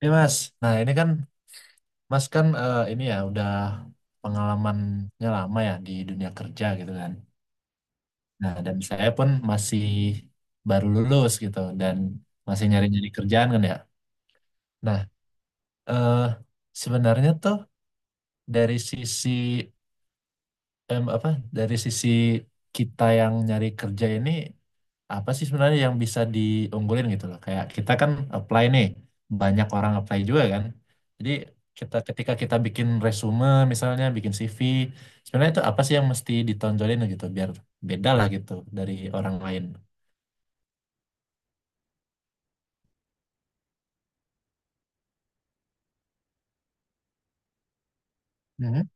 Ini Mas, nah ini kan Mas kan ini ya udah pengalamannya lama ya di dunia kerja gitu kan. Nah dan saya pun masih baru lulus gitu dan masih nyari-nyari kerjaan kan ya. Nah eh, sebenarnya tuh dari sisi em, apa dari sisi kita yang nyari kerja ini apa sih sebenarnya yang bisa diunggulin gitu loh. Kayak kita kan apply nih, banyak orang apply juga kan. Jadi kita ketika kita bikin resume misalnya, bikin CV, sebenarnya itu apa sih yang mesti ditonjolin gitu biar beda lah gitu dari orang lain. Mhm.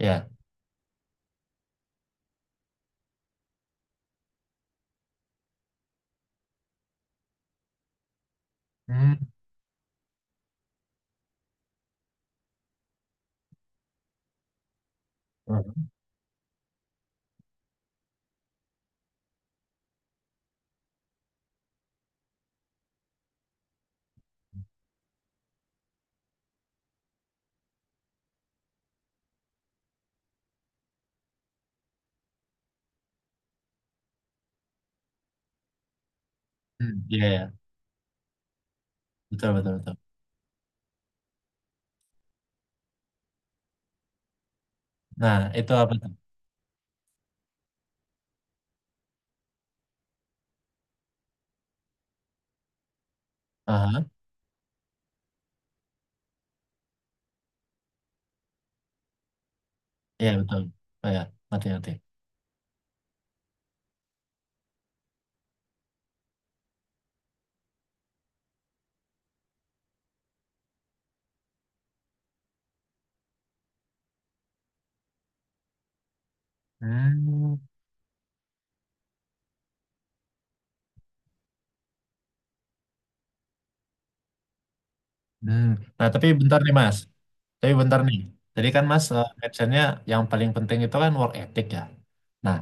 Ya. Hmm. Hmm. Iya, ya. Betul, betul, betul. Nah, itu apa tuh? Aha. Iya, betul. Oh, ya. Mati, mati. Hmm. Hmm. Nah, tapi bentar nih, Mas. Tapi bentar nih, tadi kan Mas mentionnya yang paling penting itu kan work ethic ya. Nah,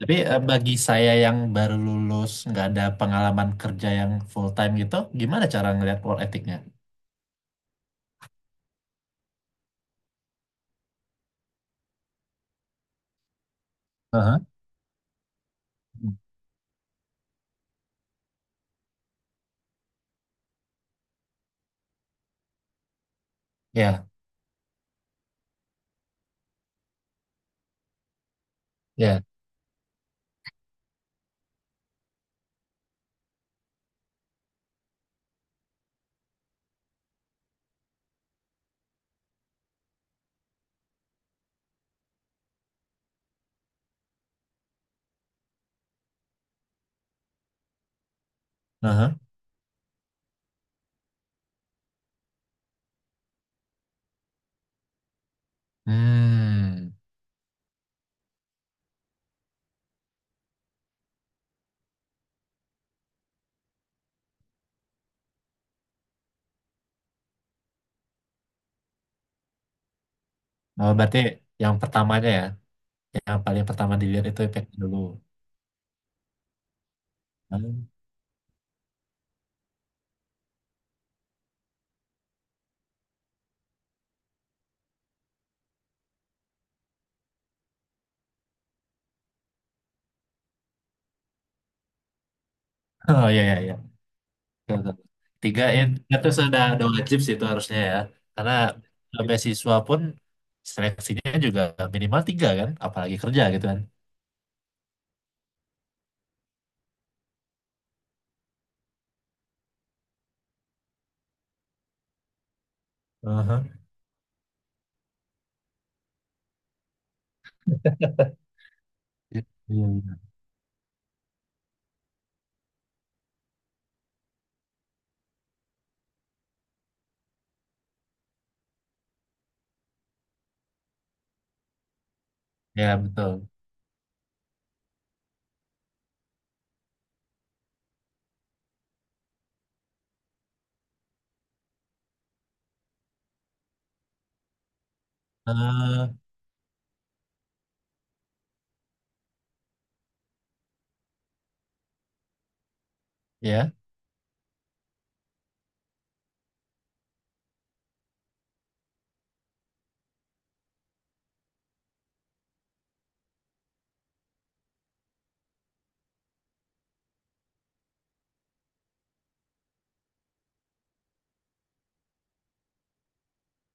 tapi bagi saya yang baru lulus, nggak ada pengalaman kerja yang full time gitu, gimana cara ngelihat work ethicnya? Aha. Ya, ya. Aha. Hmm. Oh, berarti yang pertamanya ya, yang paling pertama dilihat itu impact dulu. Hmm. Oh ya, ya. Tuh, tuh. Tiga ya, tiga tuh sudah udah wajib sih itu harusnya ya. Karena beasiswa pun seleksinya juga minimal tiga kan, apalagi kerja gitu kan. Aha. Iya, iya. Iya. Ya betul. eh Ya.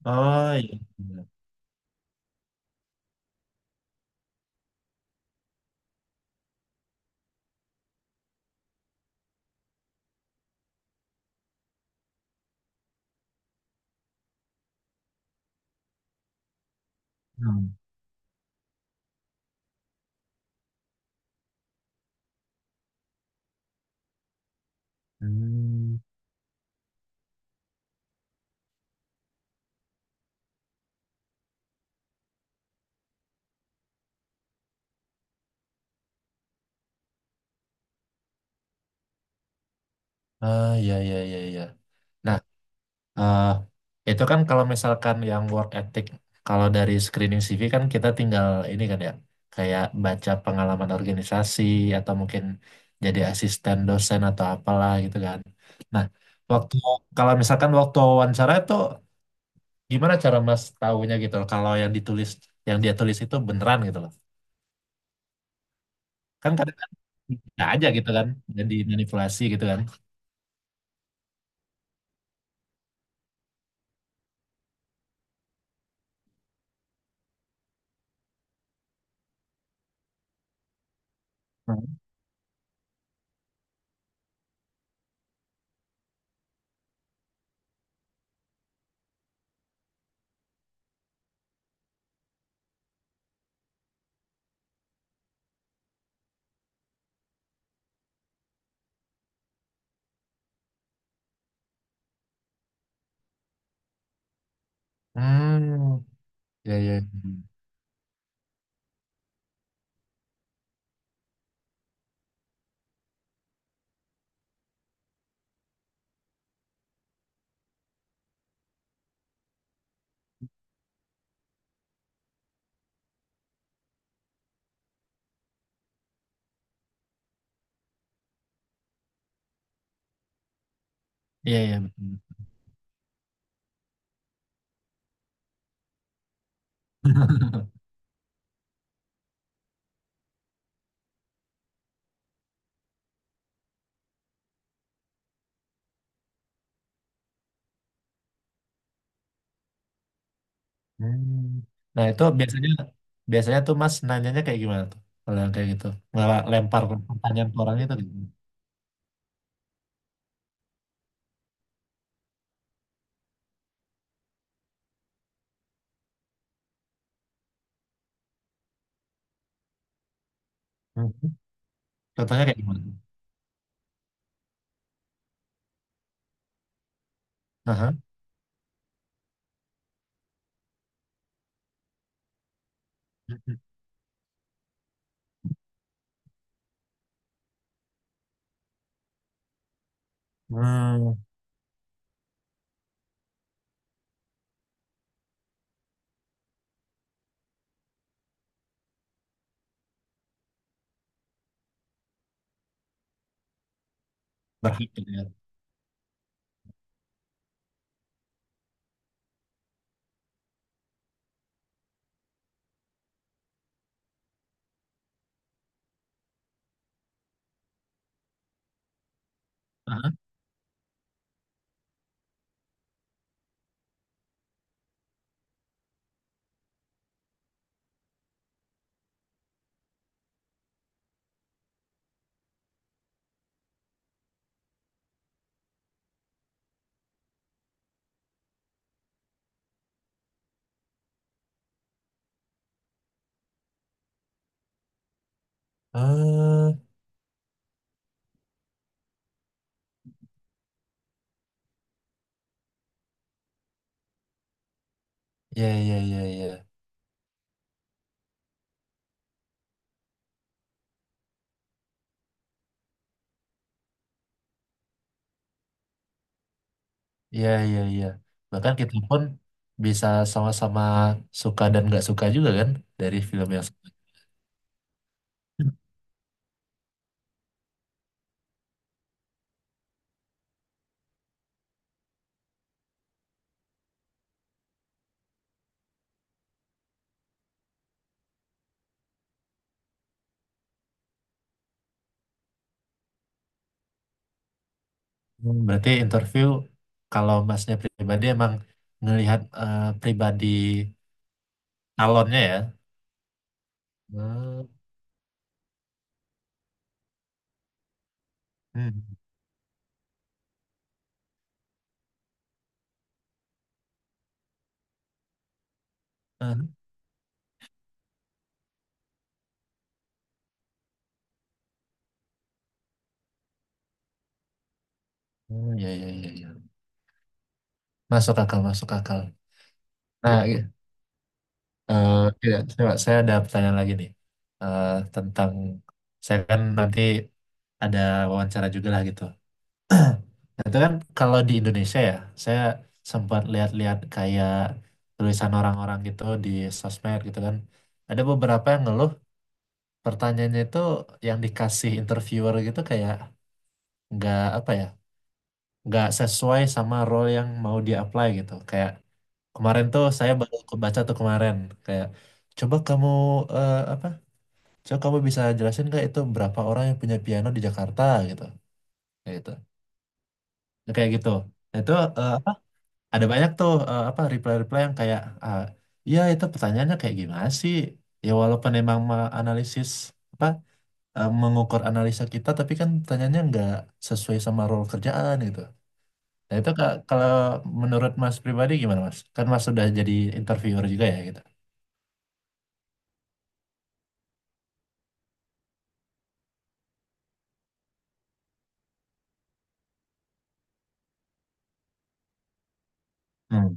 Oh iya. Hmm. Hmm. Ah, ya, ya, ya, ya. Nah eh itu kan kalau misalkan yang work ethic, kalau dari screening CV kan kita tinggal ini kan ya, kayak baca pengalaman organisasi atau mungkin jadi asisten dosen atau apalah gitu kan. Nah, waktu kalau misalkan waktu wawancara itu gimana cara Mas tahunya gitu loh, kalau yang dia tulis itu beneran gitu loh. Kan kadang kan bisa aja gitu kan, jadi manipulasi gitu kan. Hmm, ya, ya. Iya, iya. Iya, iya. Hmm. Nah, itu biasanya biasanya tuh Mas nanyanya kayak gimana tuh kalau yang kayak gitu, nggak lempar pertanyaan ke orang itu gitu. Hmm. Contohnya kayak gimana tuh? Aha. Hmm. Berhak gitu ya. Aha. Ah, ya, ya, ya, ya, ya, ya, ya. Bahkan kita pun bisa sama-sama suka dan nggak suka juga kan dari film yang sama. Hmm, berarti interview kalau masnya pribadi emang ngelihat pribadi calonnya ya. Hmm. Ah, oh, ya, ya, ya, ya. Masuk akal, masuk akal. Nah, eh, iya, coba saya ada pertanyaan lagi nih. Tentang saya kan nanti ada wawancara juga lah gitu. Nah, itu kan kalau di Indonesia ya, saya sempat lihat-lihat kayak tulisan orang-orang gitu di sosmed gitu kan. Ada beberapa yang ngeluh pertanyaannya itu yang dikasih interviewer gitu kayak nggak apa ya, nggak sesuai sama role yang mau dia apply gitu. Kayak kemarin tuh saya baru kebaca tuh kemarin kayak, coba kamu eh, apa? coba kamu bisa jelasin nggak itu berapa orang yang punya piano di Jakarta gitu. Kayak gitu. Nah, kayak gitu. Nah, itu eh, apa? ada banyak tuh eh, apa reply-reply yang kayak, ah, iya itu pertanyaannya kayak gimana sih? Ya walaupun emang apa mengukur analisa kita tapi kan pertanyaannya nggak sesuai sama role kerjaan gitu. Nah, itu kalau menurut Mas pribadi gimana Mas? Kan Mas sudah jadi interviewer juga ya gitu. Hmm.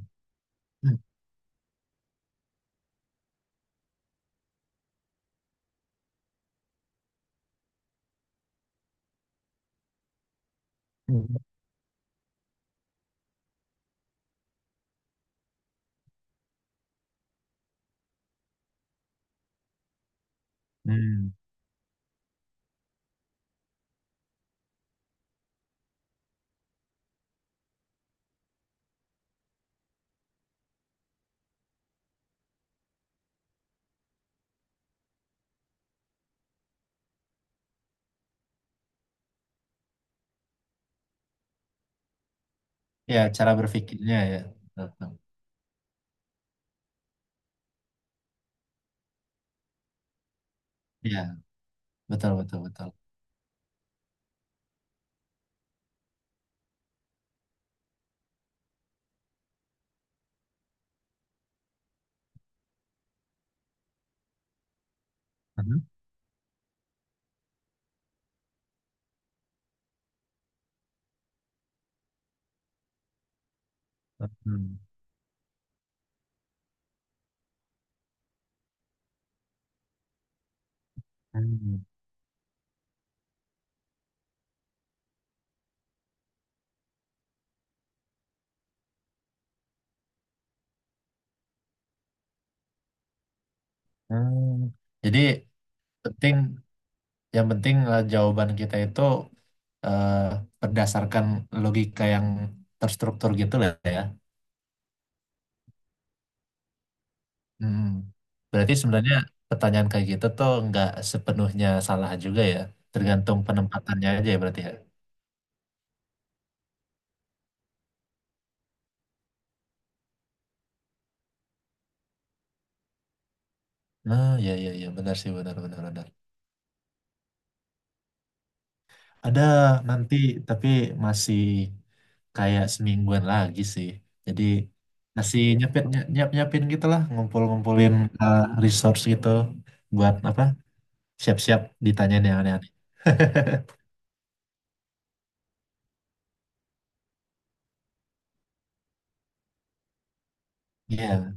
Hmm. Ya, cara berpikirnya ya. Betul. Ya, betul, betul, betul. Mhm. Mhm. Hmm. Hmm. Jadi penting, yang penting jawaban kita itu eh, berdasarkan logika yang terstruktur gitu lah ya. Hmm. Berarti sebenarnya pertanyaan kayak gitu tuh nggak sepenuhnya salah juga ya. Tergantung penempatannya aja ya berarti ya. Nah, ya, ya, ya, benar sih, benar, benar, benar. Ada nanti, tapi masih kayak semingguan lagi sih. Jadi masih nyepet nyiapin gitu lah, ngumpul ngumpulin uh, resource gitu buat apa? Siap-siap ditanyain yang aneh-aneh. Iya.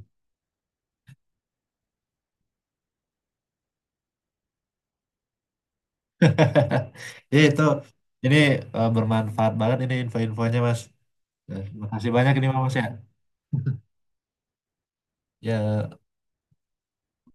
Iya, itu ini bermanfaat banget ini info-infonya Mas. Makasih banyak ini Mas ya. Ya.